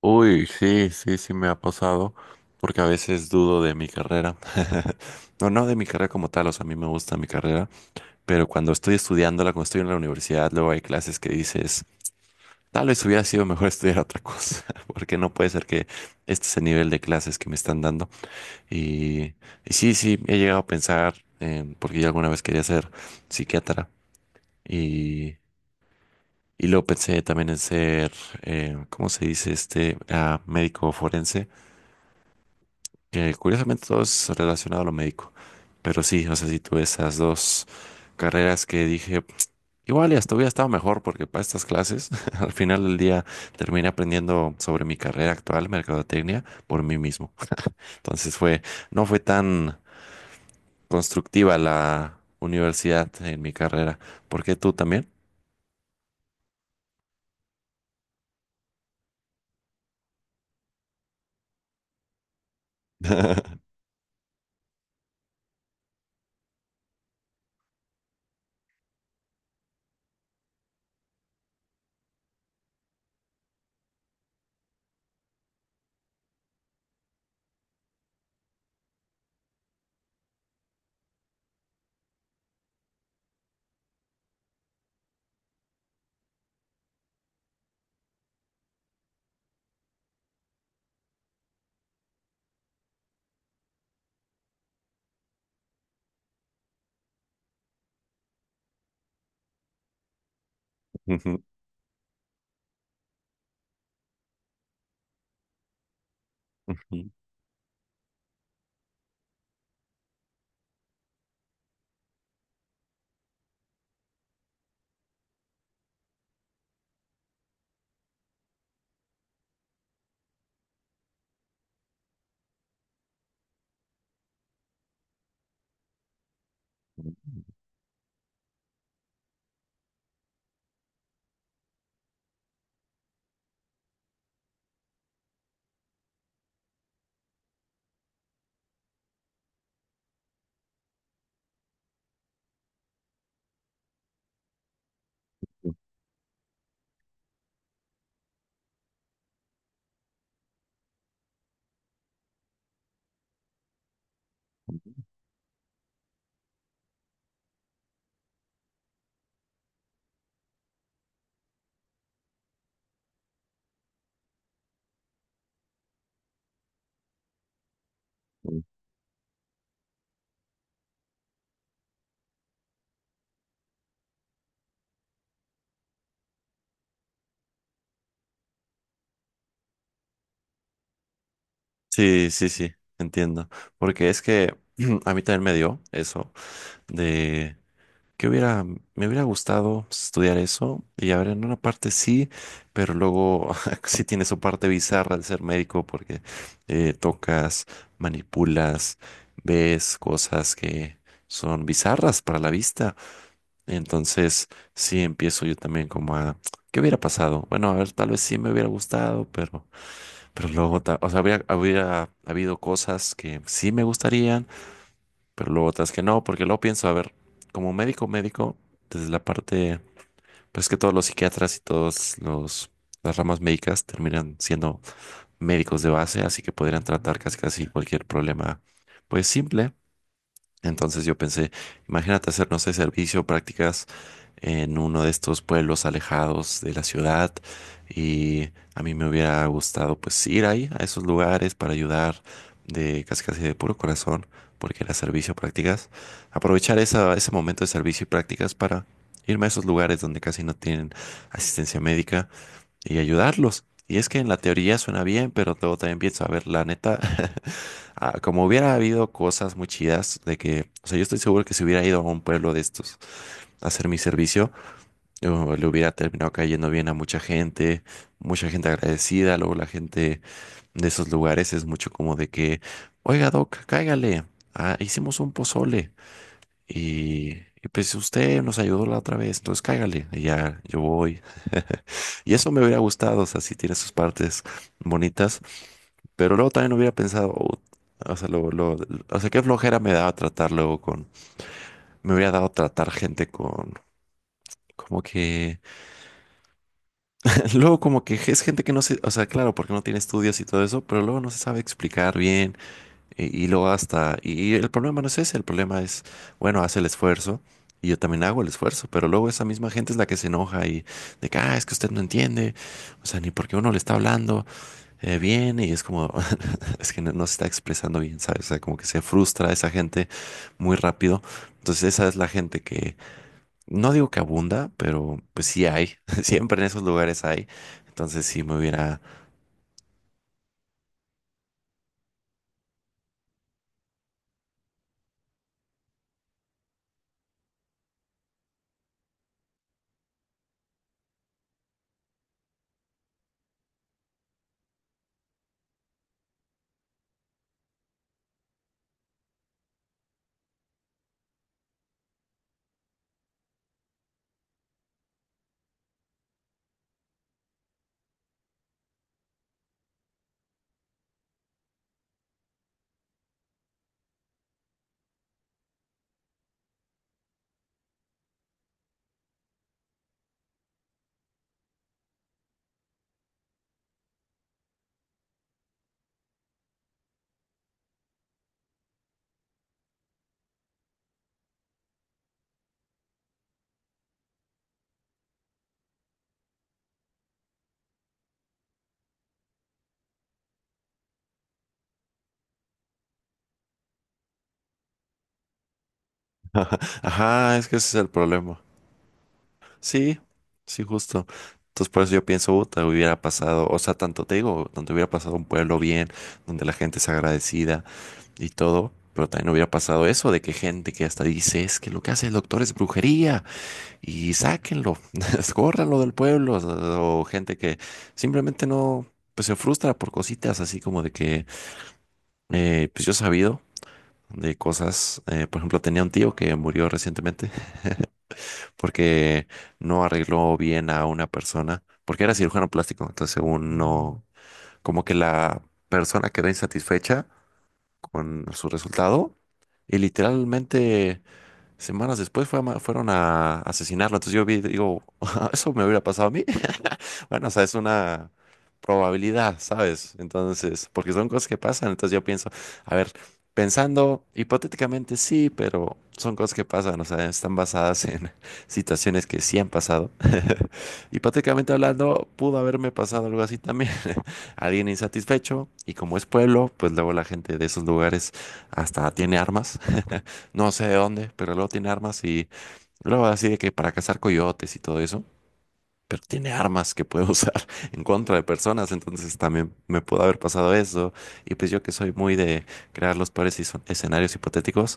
Uy, sí, sí, sí me ha pasado, porque a veces dudo de mi carrera. No, no de mi carrera como tal, o sea, a mí me gusta mi carrera, pero cuando estoy estudiándola, cuando estoy en la universidad, luego hay clases que dices, tal vez hubiera sido mejor estudiar otra cosa, porque no puede ser que este es el nivel de clases que me están dando. Y, y sí, he llegado a pensar, porque yo alguna vez quería ser psiquiatra, y, y luego pensé también en ser, ¿cómo se dice? Ah, médico forense, que curiosamente todo es relacionado a lo médico. Pero sí, o sea, si tuve esas dos carreras que dije, igual y hasta hubiera estado mejor porque para estas clases, al final del día terminé aprendiendo sobre mi carrera actual, mercadotecnia, por mí mismo. Entonces fue, no fue tan constructiva la universidad en mi carrera. ¿Por qué tú también? Ujú, ujú. Sí, sí, sí, entiendo. Porque es que a mí también me dio eso de que me hubiera gustado estudiar eso y a ver, en una parte sí, pero luego sí tiene su parte bizarra al ser médico porque tocas, manipulas, ves cosas que son bizarras para la vista. Entonces sí empiezo yo también como a, ¿qué hubiera pasado? Bueno, a ver, tal vez sí me hubiera gustado, pero luego, hubiera habido cosas que sí me gustarían pero luego otras que no, porque luego pienso, a ver, como médico, médico, desde la parte, pues es que todos los psiquiatras y todos los las ramas médicas terminan siendo médicos de base, así que podrían tratar casi casi cualquier problema, pues simple, entonces yo pensé, imagínate hacer, no sé, servicio, prácticas en uno de estos pueblos alejados de la ciudad y a mí me hubiera gustado pues ir ahí a esos lugares para ayudar de casi casi de puro corazón porque era servicio, prácticas, aprovechar ese momento de servicio y prácticas para irme a esos lugares donde casi no tienen asistencia médica y ayudarlos. Y es que en la teoría suena bien, pero luego también pienso, a ver, la neta, como hubiera habido cosas muy chidas de que, o sea, yo estoy seguro que si hubiera ido a un pueblo de estos a hacer mi servicio, yo le hubiera terminado cayendo bien a mucha gente agradecida, luego la gente de esos lugares es mucho como de que, oiga, Doc, cáigale, ah, hicimos un pozole y... Y pues usted nos ayudó la otra vez, entonces cáigale, y ya yo voy. Y eso me hubiera gustado, o sea, sí tiene sus partes bonitas, pero luego también hubiera pensado, "Oh, o sea, o sea, qué flojera me daba tratar luego con, me hubiera dado tratar gente con, como que, luego como que es gente que no se, o sea, claro, porque no tiene estudios y todo eso, pero luego no se sabe explicar bien y luego hasta, y el problema no es ese, el problema es, bueno, hace el esfuerzo. Y yo también hago el esfuerzo, pero luego esa misma gente es la que se enoja y de que, ah, es que usted no entiende, o sea, ni porque uno le está hablando, viene y es como, es que no se está expresando bien, ¿sabes? O sea, como que se frustra esa gente muy rápido. Entonces esa es la gente que, no digo que abunda, pero pues sí hay, siempre en esos lugares hay. Entonces sí me hubiera, ajá, es que ese es el problema. Sí, sí, justo. Entonces por eso yo pienso, "Uta, hubiera pasado, o sea, tanto te digo, donde hubiera pasado un pueblo bien, donde la gente es agradecida y todo. Pero también hubiera pasado eso de que gente que hasta dice, es que lo que hace el doctor es brujería. Y sáquenlo, escórranlo del pueblo, o gente que simplemente no, pues se frustra por cositas así como de que, pues yo he sabido de cosas, por ejemplo, tenía un tío que murió recientemente porque no arregló bien a una persona, porque era cirujano plástico, entonces según no, como que la persona quedó insatisfecha con su resultado y literalmente... Semanas después fueron a asesinarlo. Entonces yo vi, digo, eso me hubiera pasado a mí. Bueno, o sea, es una probabilidad, ¿sabes? Entonces, porque son cosas que pasan, entonces yo pienso, a ver, pensando hipotéticamente sí, pero son cosas que pasan, o sea, están basadas en situaciones que sí han pasado. Hipotéticamente hablando, pudo haberme pasado algo así también. Alguien insatisfecho, y como es pueblo, pues luego la gente de esos lugares hasta tiene armas, no sé de dónde, pero luego tiene armas y luego así de que para cazar coyotes y todo eso pero tiene armas que puede usar en contra de personas, entonces también me pudo haber pasado eso. Y pues yo que soy muy de crear los peores escenarios hipotéticos,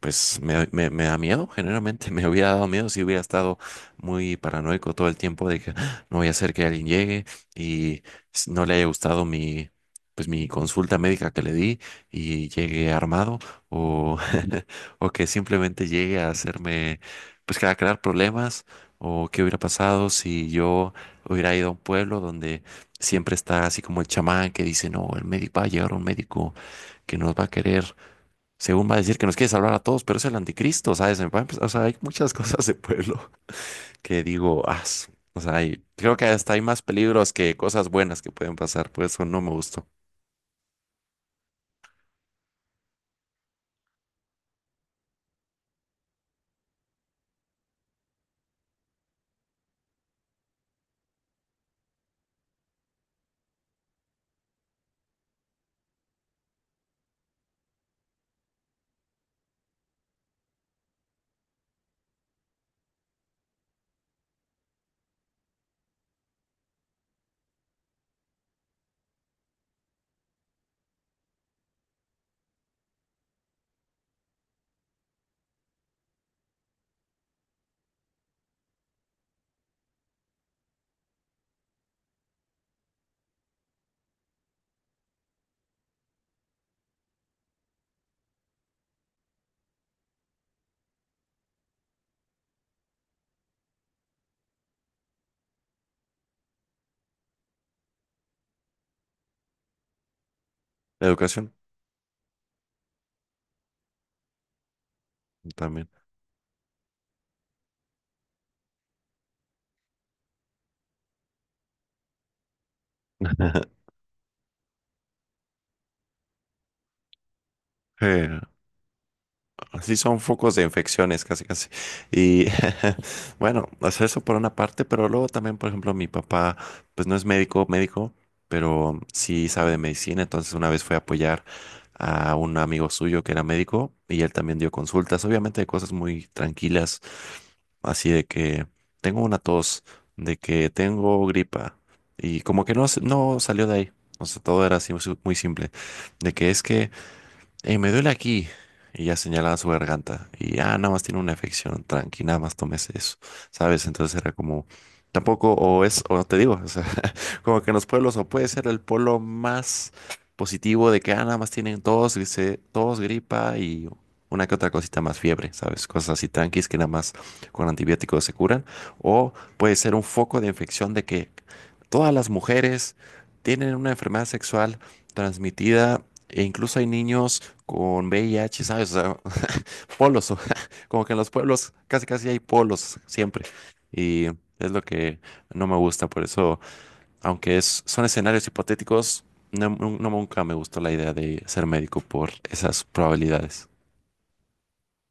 pues me da miedo, generalmente me hubiera dado miedo si hubiera estado muy paranoico todo el tiempo de que "Ah, no voy a hacer que alguien llegue y no le haya gustado mi... pues mi consulta médica que le di y llegue armado o, o que simplemente llegue a hacerme, pues que a crear problemas o qué hubiera pasado si yo hubiera ido a un pueblo donde siempre está así como el chamán que dice, no, el médico va a llegar un médico que nos va a querer, según va a decir que nos quiere salvar a todos, pero es el anticristo, ¿sabes? Me va a empezar- O sea, hay muchas cosas de pueblo que digo, ah, su-". O sea, creo que hasta hay más peligros que cosas buenas que pueden pasar, por eso no me gustó. La educación también. Eh, así son focos de infecciones, casi, casi. Y bueno, o sea, eso por una parte, pero luego también, por ejemplo, mi papá, pues no es médico, médico, pero sí sabe de medicina. Entonces, una vez fue a apoyar a un amigo suyo que era médico y él también dio consultas, obviamente de cosas muy tranquilas, así de que tengo una tos, de que tengo gripa y como que no, no salió de ahí. O sea, todo era así muy simple, de que es que me duele aquí. Y ya señalaba su garganta. Y ah, nada más tiene una afección, tranqui, nada más tomes eso. ¿Sabes? Entonces era como, tampoco, o no te digo, o sea, como que en los pueblos, o puede ser el polo más positivo de que ah, nada más tienen tos, dice, tos, gripa y una que otra cosita más fiebre, ¿sabes? Cosas así tranquis que nada más con antibióticos se curan. O puede ser un foco de infección de que todas las mujeres tienen una enfermedad sexual transmitida e incluso hay niños con VIH, ¿sabes? O sea, polos, como que en los pueblos casi casi hay polos siempre. Y es lo que no me gusta, por eso, aunque es, son escenarios hipotéticos, nunca me gustó la idea de ser médico por esas probabilidades.